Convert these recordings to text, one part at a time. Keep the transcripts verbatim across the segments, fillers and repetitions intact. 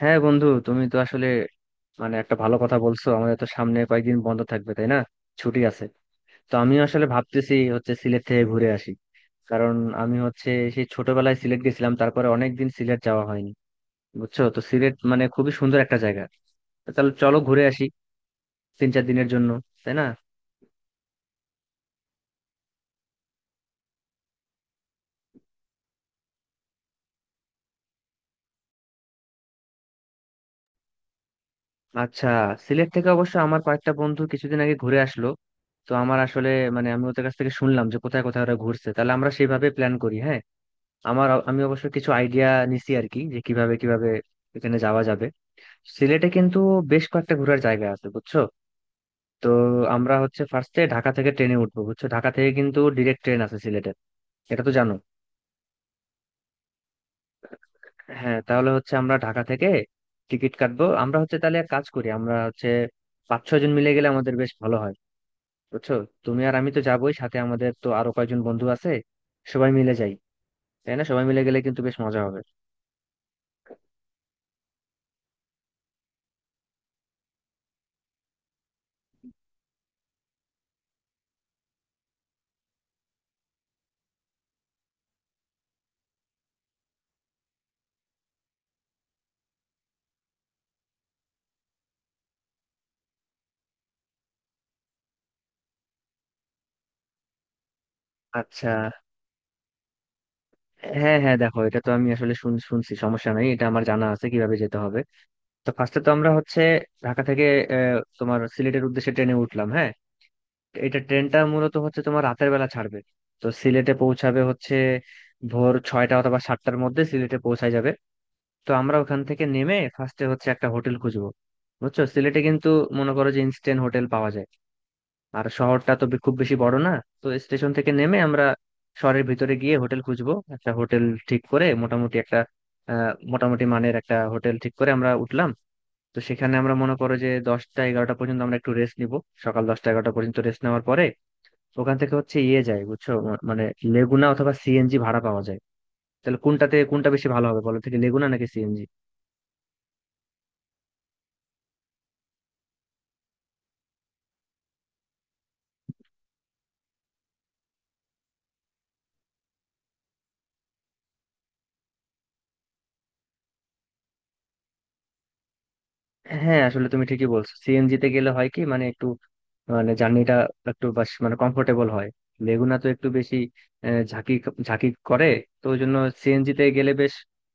হ্যাঁ বন্ধু, তুমি তো আসলে মানে একটা ভালো কথা বলছো। আমাদের তো সামনে কয়েকদিন বন্ধ থাকবে, তাই না? ছুটি আছে। তো আমি আসলে ভাবতেছি হচ্ছে সিলেট থেকে ঘুরে আসি। কারণ আমি হচ্ছে সেই ছোটবেলায় সিলেট গেছিলাম, তারপরে অনেকদিন সিলেট যাওয়া হয়নি। বুঝছো তো, সিলেট মানে খুবই সুন্দর একটা জায়গা। তো তাহলে চলো ঘুরে আসি তিন চার দিনের জন্য, তাই না? আচ্ছা, সিলেট থেকে অবশ্য আমার কয়েকটা বন্ধু কিছুদিন আগে ঘুরে আসলো। তো আমার আসলে মানে আমি ওদের কাছ থেকে শুনলাম যে কোথায় কোথায় ওরা ঘুরছে, তাহলে আমরা সেইভাবে প্ল্যান করি। হ্যাঁ, আমার আমি অবশ্য কিছু আইডিয়া নিছি আর কি, যে কিভাবে কিভাবে এখানে যাওয়া যাবে। সিলেটে কিন্তু বেশ কয়েকটা ঘোরার জায়গা আছে, বুঝছো? তো আমরা হচ্ছে ফার্স্টে ঢাকা থেকে ট্রেনে উঠবো, বুঝছো? ঢাকা থেকে কিন্তু ডিরেক্ট ট্রেন আছে সিলেটে, এটা তো জানো। হ্যাঁ, তাহলে হচ্ছে আমরা ঢাকা থেকে টিকিট কাটবো। আমরা হচ্ছে তাহলে এক কাজ করি, আমরা হচ্ছে পাঁচ ছয় জন মিলে গেলে আমাদের বেশ ভালো হয়, বুঝছো? তুমি আর আমি তো যাবোই, সাথে আমাদের তো আরো কয়েকজন বন্ধু আছে, সবাই মিলে যাই। তাই না, সবাই মিলে গেলে কিন্তু বেশ মজা হবে। আচ্ছা। হ্যাঁ হ্যাঁ, দেখো, এটা তো আমি আসলে শুন- শুনছি, সমস্যা নাই, এটা আমার জানা আছে কিভাবে যেতে হবে। তো ফার্স্টে তো আমরা হচ্ছে ঢাকা থেকে আহ, তোমার সিলেটের উদ্দেশ্যে ট্রেনে উঠলাম, হ্যাঁ। এটা ট্রেনটা মূলত হচ্ছে তোমার রাতের বেলা ছাড়বে। তো সিলেটে পৌঁছাবে হচ্ছে ভোর ছয়টা অথবা সাতটার মধ্যে সিলেটে পৌঁছায় যাবে। তো আমরা ওখান থেকে নেমে ফার্স্টে হচ্ছে একটা হোটেল খুঁজবো। বুঝছো, সিলেটে কিন্তু মনে করো যে ইনস্ট্যান্ট হোটেল পাওয়া যায়। আর শহরটা তো বে- খুব বেশি বড় না। তো স্টেশন থেকে নেমে আমরা শহরের ভিতরে গিয়ে হোটেল খুঁজবো, একটা হোটেল ঠিক করে, মোটামুটি একটা আহ, মোটামুটি মানের একটা হোটেল ঠিক করে আমরা উঠলাম। তো সেখানে আমরা মনে করো যে দশটা এগারোটা পর্যন্ত আমরা একটু রেস্ট নিব। সকাল দশটা এগারোটা পর্যন্ত রেস্ট নেওয়ার পরে ওখান থেকে হচ্ছে ইয়ে যায়, বুঝছো? ম- মানে লেগুনা অথবা সিএনজি ভাড়া পাওয়া যায়। তাহলে কোনটাতে কোনটা বেশি ভালো হবে বলো, থেকে লেগুনা নাকি সিএনজি? হ্যাঁ আসলে তুমি ঠিকই বলছো, সিএনজি তে গেলে হয় কি, মানে একটু মানে জার্নিটা একটু বাস মানে কমফোর্টেবল হয়। লেগুনা তো একটু বেশি আহ, ঝাঁকি ঝাঁকি করে। তো ওই জন্য সিএনজি তে গেলে বেশ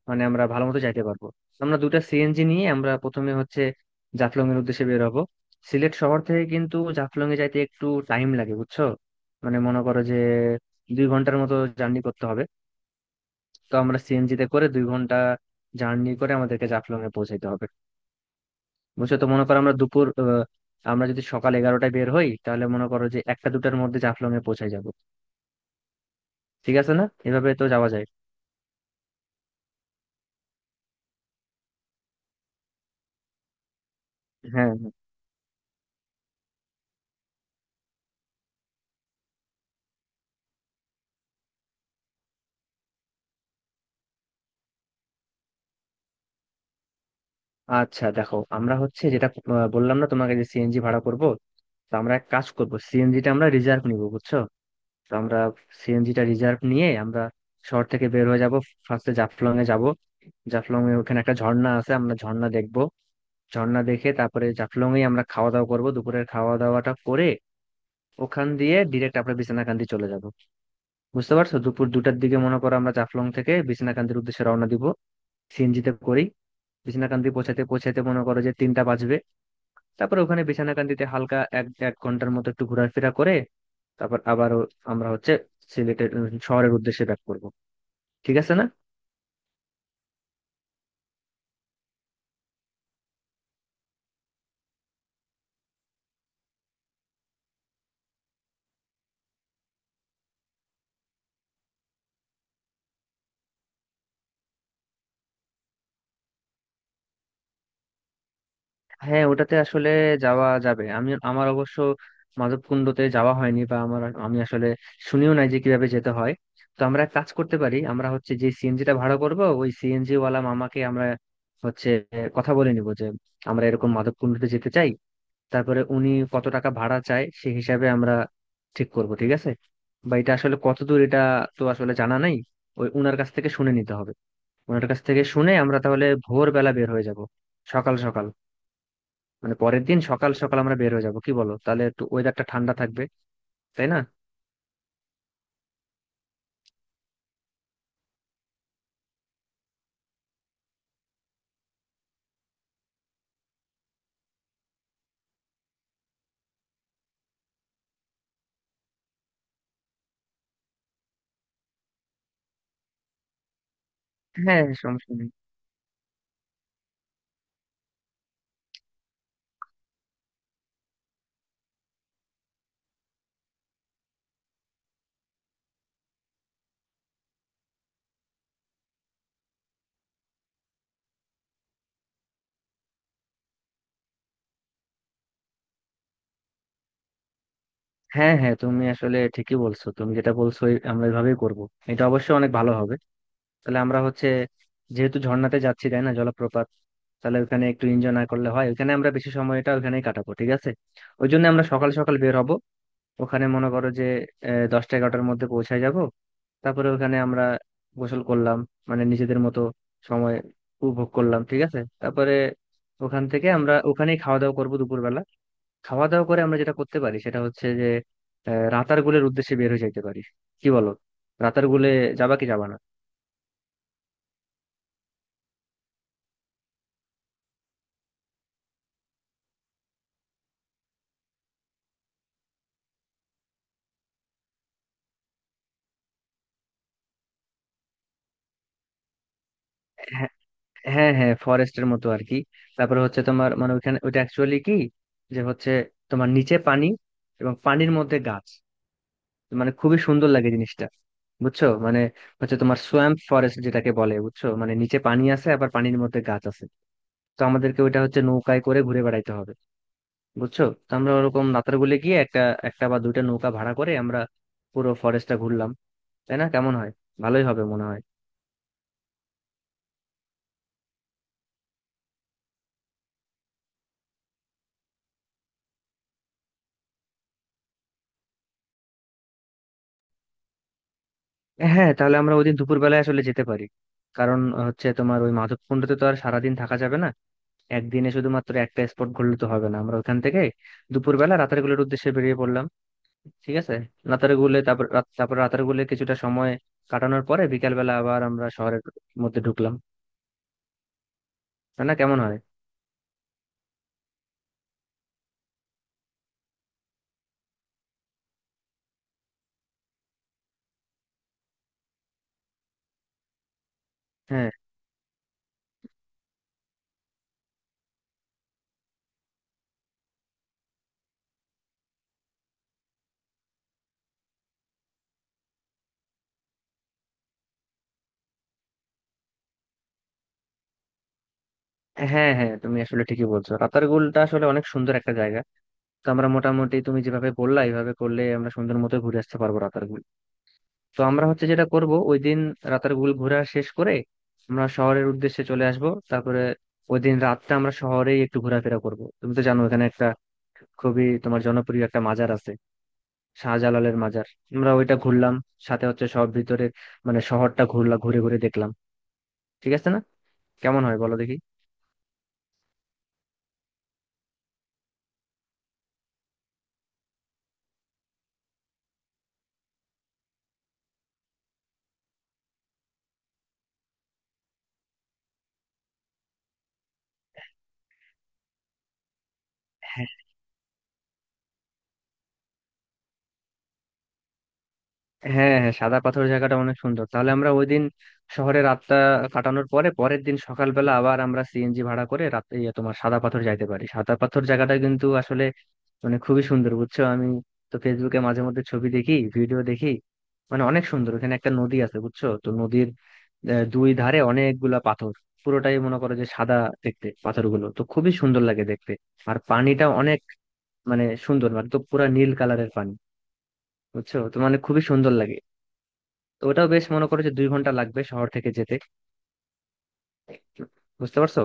মানে আমরা ভালো মতো যাইতে পারবো। আমরা দুটা সিএনজি নিয়ে আমরা প্রথমে হচ্ছে জাফলং এর উদ্দেশ্যে বের হবো। সিলেট শহর থেকে কিন্তু জাফলং এ যাইতে একটু টাইম লাগে, বুঝছো? মানে মনে করো যে দুই ঘন্টার মতো জার্নি করতে হবে। তো আমরা সিএনজি তে করে দুই ঘন্টা জার্নি করে আমাদেরকে জাফলং এ পৌঁছাইতে হবে, বুঝছো? তো মনে করো আমরা দুপুর আহ, আমরা যদি সকাল এগারোটায় বের হই তাহলে মনে করো যে একটা দুটার মধ্যে জাফলং এ পৌঁছে যাব। ঠিক আছে না, এভাবে তো যাওয়া যায়। হ্যাঁ হ্যাঁ। আচ্ছা দেখো, আমরা হচ্ছে যেটা আহ, বললাম না তোমাকে যে সিএনজি ভাড়া করব। তো আমরা এক কাজ করব, সিএনজিটা আমরা রিজার্ভ নিব, বুঝছো? তো আমরা সিএনজিটা রিজার্ভ নিয়ে আমরা শহর থেকে বের হয়ে যাব। ফার্স্টে জাফলং এ যাব, জাফলং এ ওখানে একটা ঝর্ণা আছে, আমরা ঝর্ণা দেখব। ঝর্ণা দেখে তারপরে জাফলং এ আমরা খাওয়া দাওয়া করব, দুপুরের খাওয়া দাওয়াটা করে ওখান দিয়ে ডিরেক্ট আমরা বিছনাকান্দি চলে যাব। বুঝতে পারছো? দুপুর দুটার দিকে মনে করো আমরা জাফলং থেকে বিছনাকান্দির উদ্দেশ্যে রওনা দিব, সিএনজিতে করেই। বিছনাকান্দি পৌঁছাতে পৌঁছাতে মনে করো যে তিনটা বাজবে। তারপর ওখানে বিছনাকান্দিতে হালকা এক এক ঘন্টার মতো একটু ঘোরাফেরা করে তারপর আবারও আমরা হচ্ছে সিলেটের উম, শহরের উদ্দেশ্যে ব্যাক করব। ঠিক আছে না? হ্যাঁ ওটাতে আসলে যাওয়া যাবে। আমি আমার অবশ্য মাধবকুণ্ডতে যাওয়া হয়নি, বা আমার আমি আসলে শুনিও নাই যে কিভাবে যেতে হয়। তো আমরা এক কাজ করতে পারি, আমরা হচ্ছে যে সিএনজিটা ভাড়া করব, ওই সিএনজি ওয়ালা মামাকে আমরা হচ্ছে আহ, কথা বলে নিব যে আমরা এরকম মাধবকুণ্ডতে যেতে চাই। তারপরে উনি কত টাকা ভাড়া চায় সেই হিসাবে আমরা ঠিক করব, ঠিক আছে? বা এটা আসলে কত দূর, এটা তো আসলে জানা নাই, ওই উনার কাছ থেকে শুনে নিতে হবে। ওনার কাছ থেকে শুনে আমরা তাহলে ভোরবেলা বের হয়ে যাব, সকাল সকাল। মানে পরের দিন সকাল সকাল আমরা বের হয়ে যাব, কি বলো, তাহলে একটু ওয়েদারটা ঠান্ডা থাকবে, তাই না? হ্যাঁ সমস্যা নেই। হ্যাঁ হ্যাঁ তুমি আসলে ঠিকই বলছো, তুমি যেটা বলছো ওই- আমরা এভাবেই করব। এটা অবশ্যই অনেক ভালো হবে। তাহলে আমরা হচ্ছে যেহেতু ঝর্ণাতে যাচ্ছি, তাই না, জলপ্রপাত, তাহলে ওখানে একটু এনজয় না করলে হয়? ওখানে আমরা বেশি সময়টা ওখানেই কাটাবো, ঠিক আছে? ওই জন্য আমরা সকাল সকাল বের হব। ওখানে মনে করো যে দশটা এগারোটার মধ্যে পৌঁছায় যাব। তারপরে ওখানে আমরা গোসল করলাম, মানে নিজেদের মতো সময় উপভোগ করলাম, ঠিক আছে? তারপরে ওখান থেকে আমরা ওখানেই খাওয়া দাওয়া করবো দুপুরবেলা। খাওয়া দাওয়া করে আমরা যেটা করতে পারি সেটা হচ্ছে যে আহ, রাতারগুলের উদ্দেশ্যে বের হয়ে যাইতে পারি। কি বলো, রাতারগুলে যাবা কি যাবা না? হ্যাঁ হ্যাঁ হ্যাঁ ফরেস্টের মতো আর কি। তারপরে হচ্ছে তোমার মানে ওইখানে ওইটা অ্যাকচুয়ালি কি, যে হচ্ছে তোমার নিচে পানি এবং পানির মধ্যে গাছ, মানে খুবই সুন্দর লাগে জিনিসটা, বুঝছো? মানে হচ্ছে তোমার সোয়াম্প ফরেস্ট যেটাকে বলে, বুঝছো, মানে নিচে পানি আছে আবার পানির মধ্যে গাছ আছে। তো আমাদেরকে ওইটা হচ্ছে নৌকায় করে ঘুরে বেড়াইতে হবে, বুঝছো? তো আমরা ওরকম নাতারগুলে গিয়ে একটা একটা বা দুইটা নৌকা ভাড়া করে আমরা পুরো ফরেস্টটা ঘুরলাম। তাই না, কেমন হয়? ভালোই হবে মনে হয়। হ্যাঁ তাহলে আমরা ওইদিন দুপুরবেলায় আসলে যেতে পারি। কারণ হচ্ছে তোমার ওই মাধবকুণ্ডতে তো আর সারাদিন থাকা যাবে না। একদিনে শুধুমাত্র একটা স্পট ঘুরলে তো হবে না, আমরা ওখান থেকে দুপুরবেলা রাতারগুলের উদ্দেশ্যে বেরিয়ে পড়লাম, ঠিক আছে? নাতারগুলে তারপর রাত- তারপর রাতারগুলে কিছুটা সময় কাটানোর পরে বিকালবেলা আবার আমরা শহরের মধ্যে ঢুকলাম। তাই না, কেমন হয়? হ্যাঁ হ্যাঁ হ্যাঁ তুমি আসলে ঠিকই বলছো, রাতারগুলটা আসলে অনেক সুন্দর একটা জায়গা। তো আমরা মোটামুটি তুমি যেভাবে বললা এইভাবে করলে আমরা সুন্দর মতো ঘুরে আসতে পারবো রাতারগুল। তো আমরা হচ্ছে যেটা করব ওই দিন রাতারগুল ঘোরা শেষ করে আমরা শহরের উদ্দেশ্যে চলে আসব। তারপরে ওই দিন রাতটা আমরা শহরেই একটু ঘোরাফেরা করব। তুমি তো জানো এখানে একটা খুবই তোমার জনপ্রিয় একটা মাজার আছে, শাহজালালের মাজার। আমরা ওইটা ঘুরলাম, সাথে হচ্ছে সব ভিতরের মানে শহরটা ঘুরলাম, ঘুরে ঘুরে দেখলাম, ঠিক আছে না? কেমন হয় বলো দেখি? হ্যাঁ হ্যাঁ হ্যাঁ সাদা পাথর জায়গাটা অনেক সুন্দর। তাহলে আমরা ওই দিন শহরে রাতটা কাটানোর পরে পরের দিন সকালবেলা আবার আমরা সিএনজি ভাড়া করে রাতে ইয়ে তোমার সাদা পাথর যাইতে পারি। সাদা পাথর জায়গাটা কিন্তু আসলে মানে খুবই সুন্দর, বুঝছো? আমি তো ফেসবুকে মাঝে মধ্যে ছবি দেখি, ভিডিও দেখি, মানে অনেক সুন্দর। ওখানে একটা নদী আছে, বুঝছো তো, নদীর আহ, দুই ধারে অনেকগুলা পাথর, পুরোটাই মনে করো যে সাদা দেখতে, পাথরগুলো তো খুবই সুন্দর লাগে দেখতে। আর পানিটা অনেক মানে সুন্দর, মানে তো পুরা নীল কালারের পানি, বুঝছো তো, মানে খুবই সুন্দর লাগে। তো ওটাও বেশ মনে করো যে দুই ঘন্টা লাগবে শহর থেকে যেতে, বুঝতে পারছো?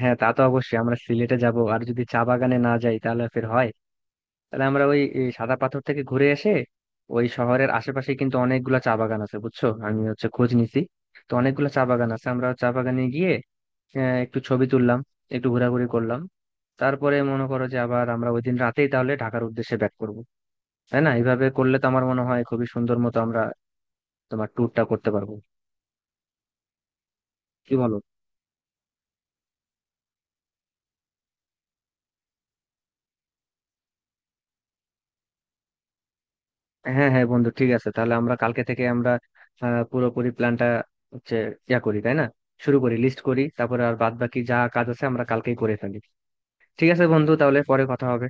হ্যাঁ তা তো অবশ্যই, আমরা সিলেটে যাব আর যদি চা বাগানে না যাই তাহলে ফের হয়। তাহলে আমরা ওই এই সাদা পাথর থেকে ঘুরে এসে ওই শহরের আশেপাশে কিন্তু অনেকগুলা চা বাগান আছে, বুঝছো, আমি হচ্ছে খোঁজ নিছি। তো অনেকগুলা চা বাগান আছে, আমরা চা বাগানে গিয়ে আহ, একটু ছবি তুললাম, একটু ঘোরাঘুরি করলাম। তারপরে মনে করো যে আবার আমরা ওই দিন রাতেই তাহলে ঢাকার উদ্দেশ্যে ব্যাক করবো, তাই না? এইভাবে করলে তো আমার মনে হয় খুবই সুন্দর মতো আমরা তোমার ট্যুরটা করতে পারবো, কি বলো? হ্যাঁ হ্যাঁ বন্ধু, ঠিক আছে। তাহলে আমরা কালকে থেকে আমরা আহ, পুরোপুরি প্ল্যানটা হচ্ছে ইয়া করি, তাই না? শুরু করি, লিস্ট করি, তারপরে আর বাদ বাকি যা কাজ আছে আমরা কালকেই করে ফেলি। ঠিক আছে বন্ধু, তাহলে পরে কথা হবে।